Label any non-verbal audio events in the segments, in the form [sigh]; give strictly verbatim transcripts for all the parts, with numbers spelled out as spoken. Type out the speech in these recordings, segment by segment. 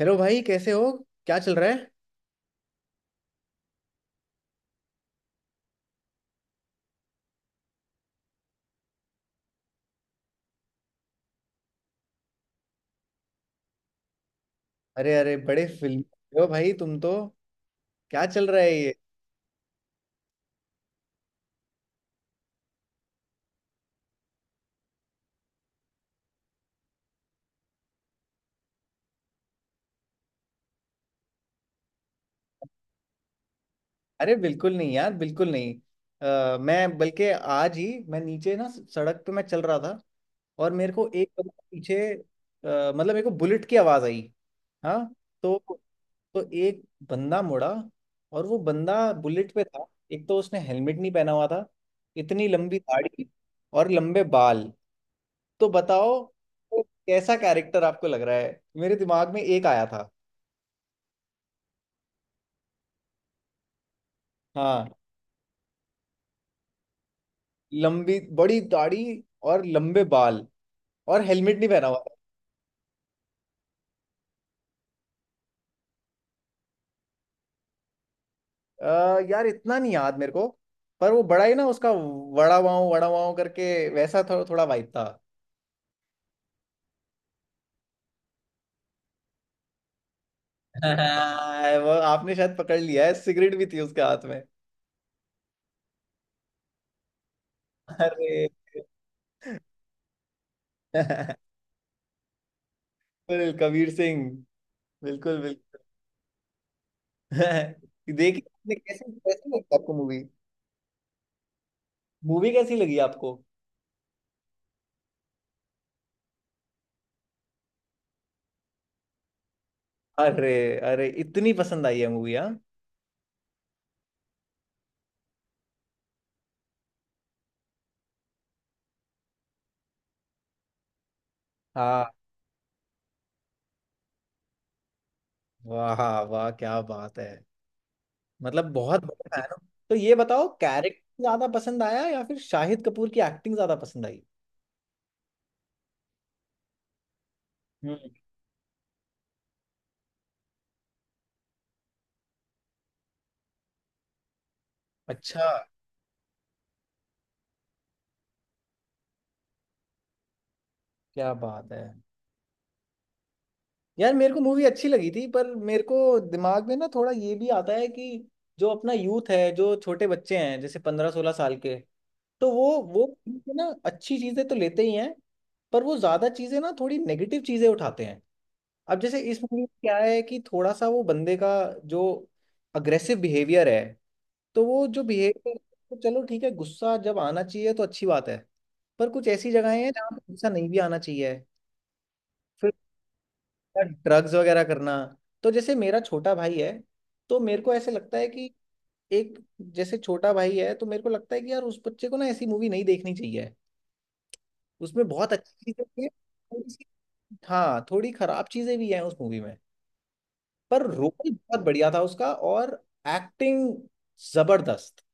Hello भाई, कैसे हो? क्या चल रहा है? अरे अरे, बड़े फिल्म हो भाई। तुम तो क्या चल रहा है ये? अरे बिल्कुल नहीं यार, बिल्कुल नहीं। अ, मैं बल्कि आज ही, मैं नीचे ना सड़क पे मैं चल रहा था। और मेरे को एक कदम पीछे अ, मतलब मेरे को बुलेट की आवाज़ आई। हाँ। तो तो एक बंदा मुड़ा, और वो बंदा बुलेट पे था। एक तो उसने हेलमेट नहीं पहना हुआ था, इतनी लंबी दाढ़ी और लंबे बाल। तो बताओ कैसा कैरेक्टर आपको लग रहा है? मेरे दिमाग में एक आया था। हाँ, लंबी बड़ी दाढ़ी और लंबे बाल और हेलमेट नहीं पहना हुआ था। अ, यार इतना नहीं याद मेरे को। पर वो बड़ा ही ना, उसका वड़ा पाव वड़ा पाव करके वैसा थो, थोड़ा वाइब था। [laughs] हाँ, वो आपने शायद पकड़ लिया है, सिगरेट भी थी उसके हाथ में। अरे बिल्कुल कबीर सिंह, बिल्कुल बिल्कुल। [laughs] देखिए आपने, कैसे कैसी लगी आपको मूवी? मूवी कैसी लगी आपको? अरे अरे, इतनी पसंद आई है मूवी? हाँ हाँ। वाह। हाँ, वाह क्या बात है। मतलब बहुत बढ़िया है ना। तो ये बताओ कैरेक्टर ज्यादा पसंद आया या फिर शाहिद कपूर की एक्टिंग ज्यादा पसंद आई? हम्म। अच्छा। क्या बात है। यार मेरे को मूवी अच्छी लगी थी, पर मेरे को दिमाग में ना थोड़ा ये भी आता है कि जो अपना यूथ है, जो छोटे बच्चे हैं, जैसे पंद्रह सोलह साल के, तो वो वो ना अच्छी चीजें तो लेते ही हैं, पर वो ज्यादा चीजें ना, थोड़ी नेगेटिव चीजें उठाते हैं। अब जैसे इस मूवी में क्या है कि थोड़ा सा वो बंदे का जो अग्रेसिव बिहेवियर है, तो वो जो बिहेवियर, तो चलो ठीक है, गुस्सा जब आना चाहिए तो अच्छी बात है। पर कुछ ऐसी जगहें हैं जहाँ पे गुस्सा नहीं भी आना चाहिए। फिर ड्रग्स वगैरह करना। तो जैसे मेरा छोटा भाई है, तो मेरे को ऐसे लगता है कि एक, जैसे छोटा भाई है, तो मेरे को लगता है कि यार उस बच्चे को ना ऐसी मूवी नहीं देखनी चाहिए। उसमें बहुत अच्छी चीजें भी हैं। थोड़ी सी- हाँ, थोड़ी खराब चीजें भी हैं उस मूवी में। पर रोल बहुत बढ़िया था उसका, और एक्टिंग जबरदस्त।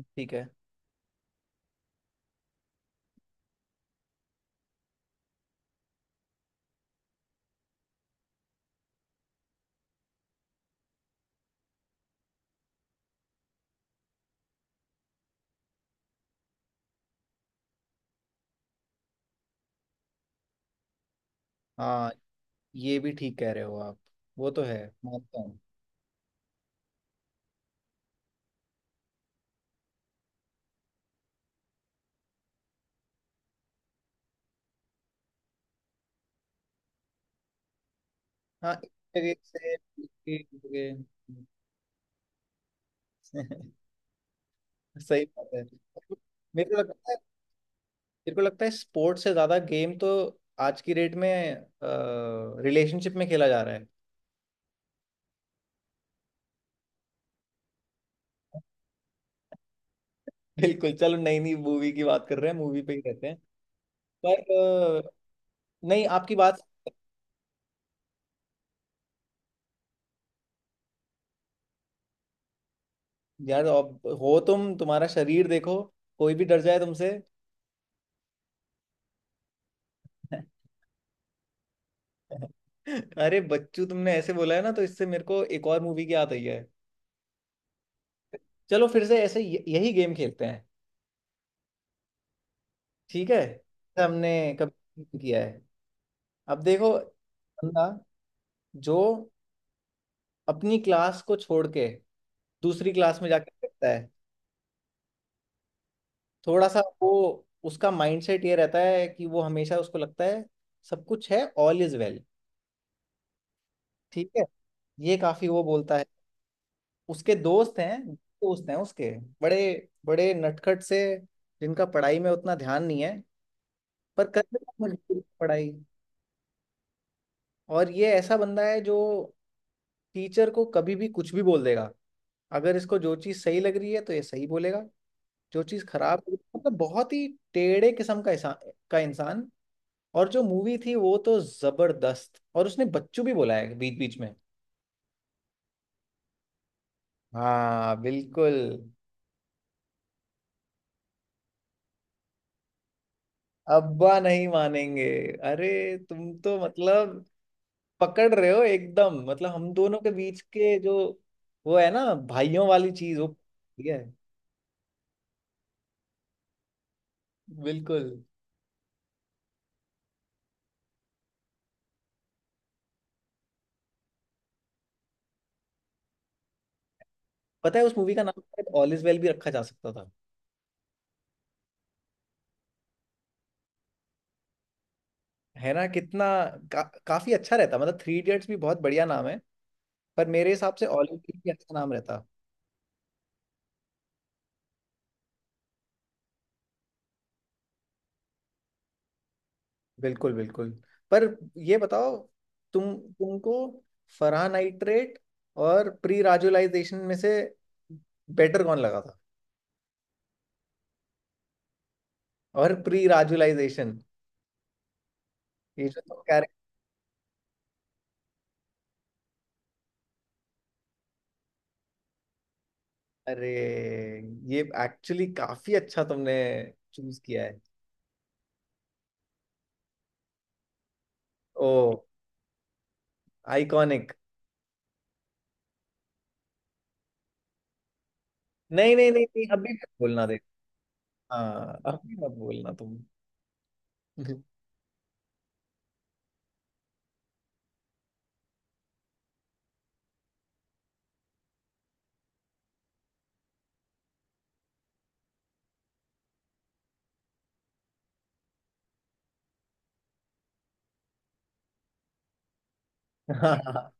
ठीक है। हाँ, ये भी ठीक कह रहे हो आप। वो तो है, मानता हूँ। हाँ एक जगह से, एक जगह। [laughs] सही बात है। मेरे को लगता है मेरे को लगता है स्पोर्ट्स से ज्यादा गेम तो आज की डेट में रिलेशनशिप में खेला जा रहा है। [laughs] बिल्कुल। चलो, नई नई मूवी की बात कर रहे हैं, मूवी पे ही रहते हैं। पर अ, नहीं आपकी बात। यार अब हो तुम, तुम्हारा शरीर देखो, कोई भी डर जाए तुमसे। [laughs] अरे बच्चू, तुमने ऐसे बोला है ना, तो इससे मेरे को एक और मूवी की याद आई है। चलो फिर से ऐसे य- यही गेम खेलते हैं। ठीक है, ऐसा हमने कभी नहीं किया है। अब देखो, बंदा जो अपनी क्लास को छोड़ के दूसरी क्लास में जाके बैठता है, थोड़ा सा वो, उसका माइंडसेट ये रहता है कि वो हमेशा उसको लगता है सब कुछ है, ऑल इज वेल। ठीक है। ये काफी वो बोलता है। उसके दोस्त हैं, दोस्त हैं उसके बड़े बड़े नटखट से, जिनका पढ़ाई में उतना ध्यान नहीं है, पर कर लेता है मजबूरी में पढ़ाई। और ये ऐसा बंदा है जो टीचर को कभी भी कुछ भी बोल देगा। अगर इसको जो चीज़ सही लग रही है तो ये सही बोलेगा। जो चीज़ खराब लग रही है- मतलब बहुत ही टेढ़े किस्म का इंसान, का इंसान और जो मूवी थी वो तो जबरदस्त। और उसने बच्चू भी बोला है बीच बीच में। हाँ बिल्कुल। अब्बा नहीं मानेंगे। अरे, तुम तो मतलब पकड़ रहे हो एकदम, मतलब हम दोनों के बीच के जो वो है ना, भाइयों वाली चीज, वो ठीक है। बिल्कुल। पता है उस मूवी का नाम शायद ऑल इज वेल भी रखा जा सकता था। है ना, कितना का, काफी अच्छा रहता। मतलब थ्री इडियट्स भी बहुत बढ़िया नाम है, पर मेरे हिसाब से ऑल इज वेल भी अच्छा नाम रहता। बिल्कुल बिल्कुल। पर ये बताओ, तुम तुमको फरहान नाइट्रेट और प्री राजुलाइजेशन में से बेटर कौन लगा था? और प्री राजुलाइजेशन। ये जो तुम कह। अरे, ये एक्चुअली काफी अच्छा तुमने चूज किया है। ओ। आइकॉनिक। नहीं नहीं नहीं नहीं, अभी मत बोलना, देख। हाँ, अभी मत बोलना तुम। [laughs] हाँ,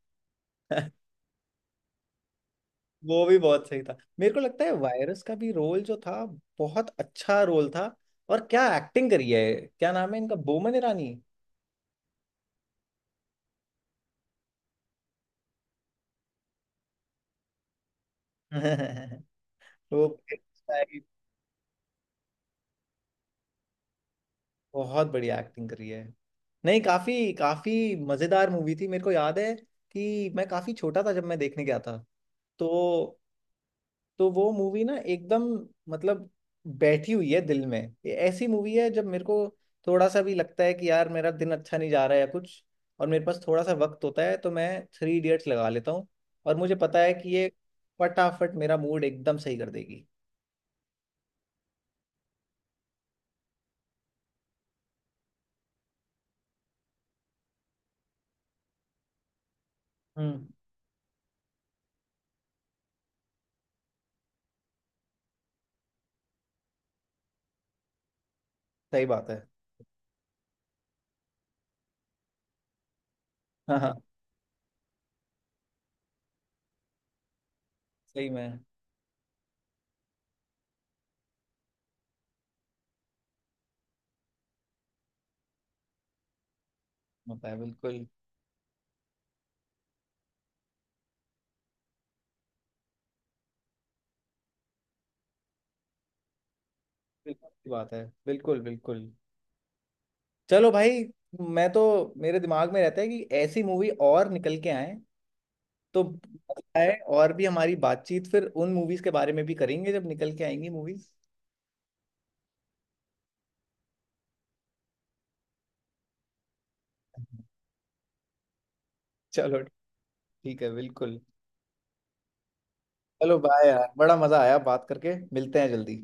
वो भी बहुत सही था। मेरे को लगता है वायरस का भी रोल जो था, बहुत अच्छा रोल था। और क्या एक्टिंग करी है, क्या नाम है इनका, बोमन ईरानी। [laughs] वो बहुत बढ़िया एक्टिंग करी है। नहीं, काफी काफी मजेदार मूवी थी। मेरे को याद है कि मैं काफी छोटा था जब मैं देखने गया था। तो तो वो मूवी ना एकदम, मतलब, बैठी हुई है दिल में। ये ऐसी मूवी है जब मेरे को थोड़ा सा भी लगता है कि यार मेरा दिन अच्छा नहीं जा रहा है या कुछ, और मेरे पास थोड़ा सा वक्त होता है, तो मैं थ्री इडियट्स लगा लेता हूँ। और मुझे पता है कि ये फटाफट मेरा मूड एकदम सही कर देगी। हम्म। सही बात है। हाँ हाँ। सही में। होता है बिल्कुल। बिल्कुल सही बात है, बिल्कुल बिल्कुल। चलो भाई, मैं तो, मेरे दिमाग में रहता है कि ऐसी मूवी और निकल के आए तो मजा आए, और भी हमारी बातचीत फिर उन मूवीज के बारे में भी करेंगे जब निकल के आएंगी मूवीज। [laughs] चलो ठीक है, बिल्कुल। चलो बाय यार, बड़ा मजा आया बात करके, मिलते हैं जल्दी।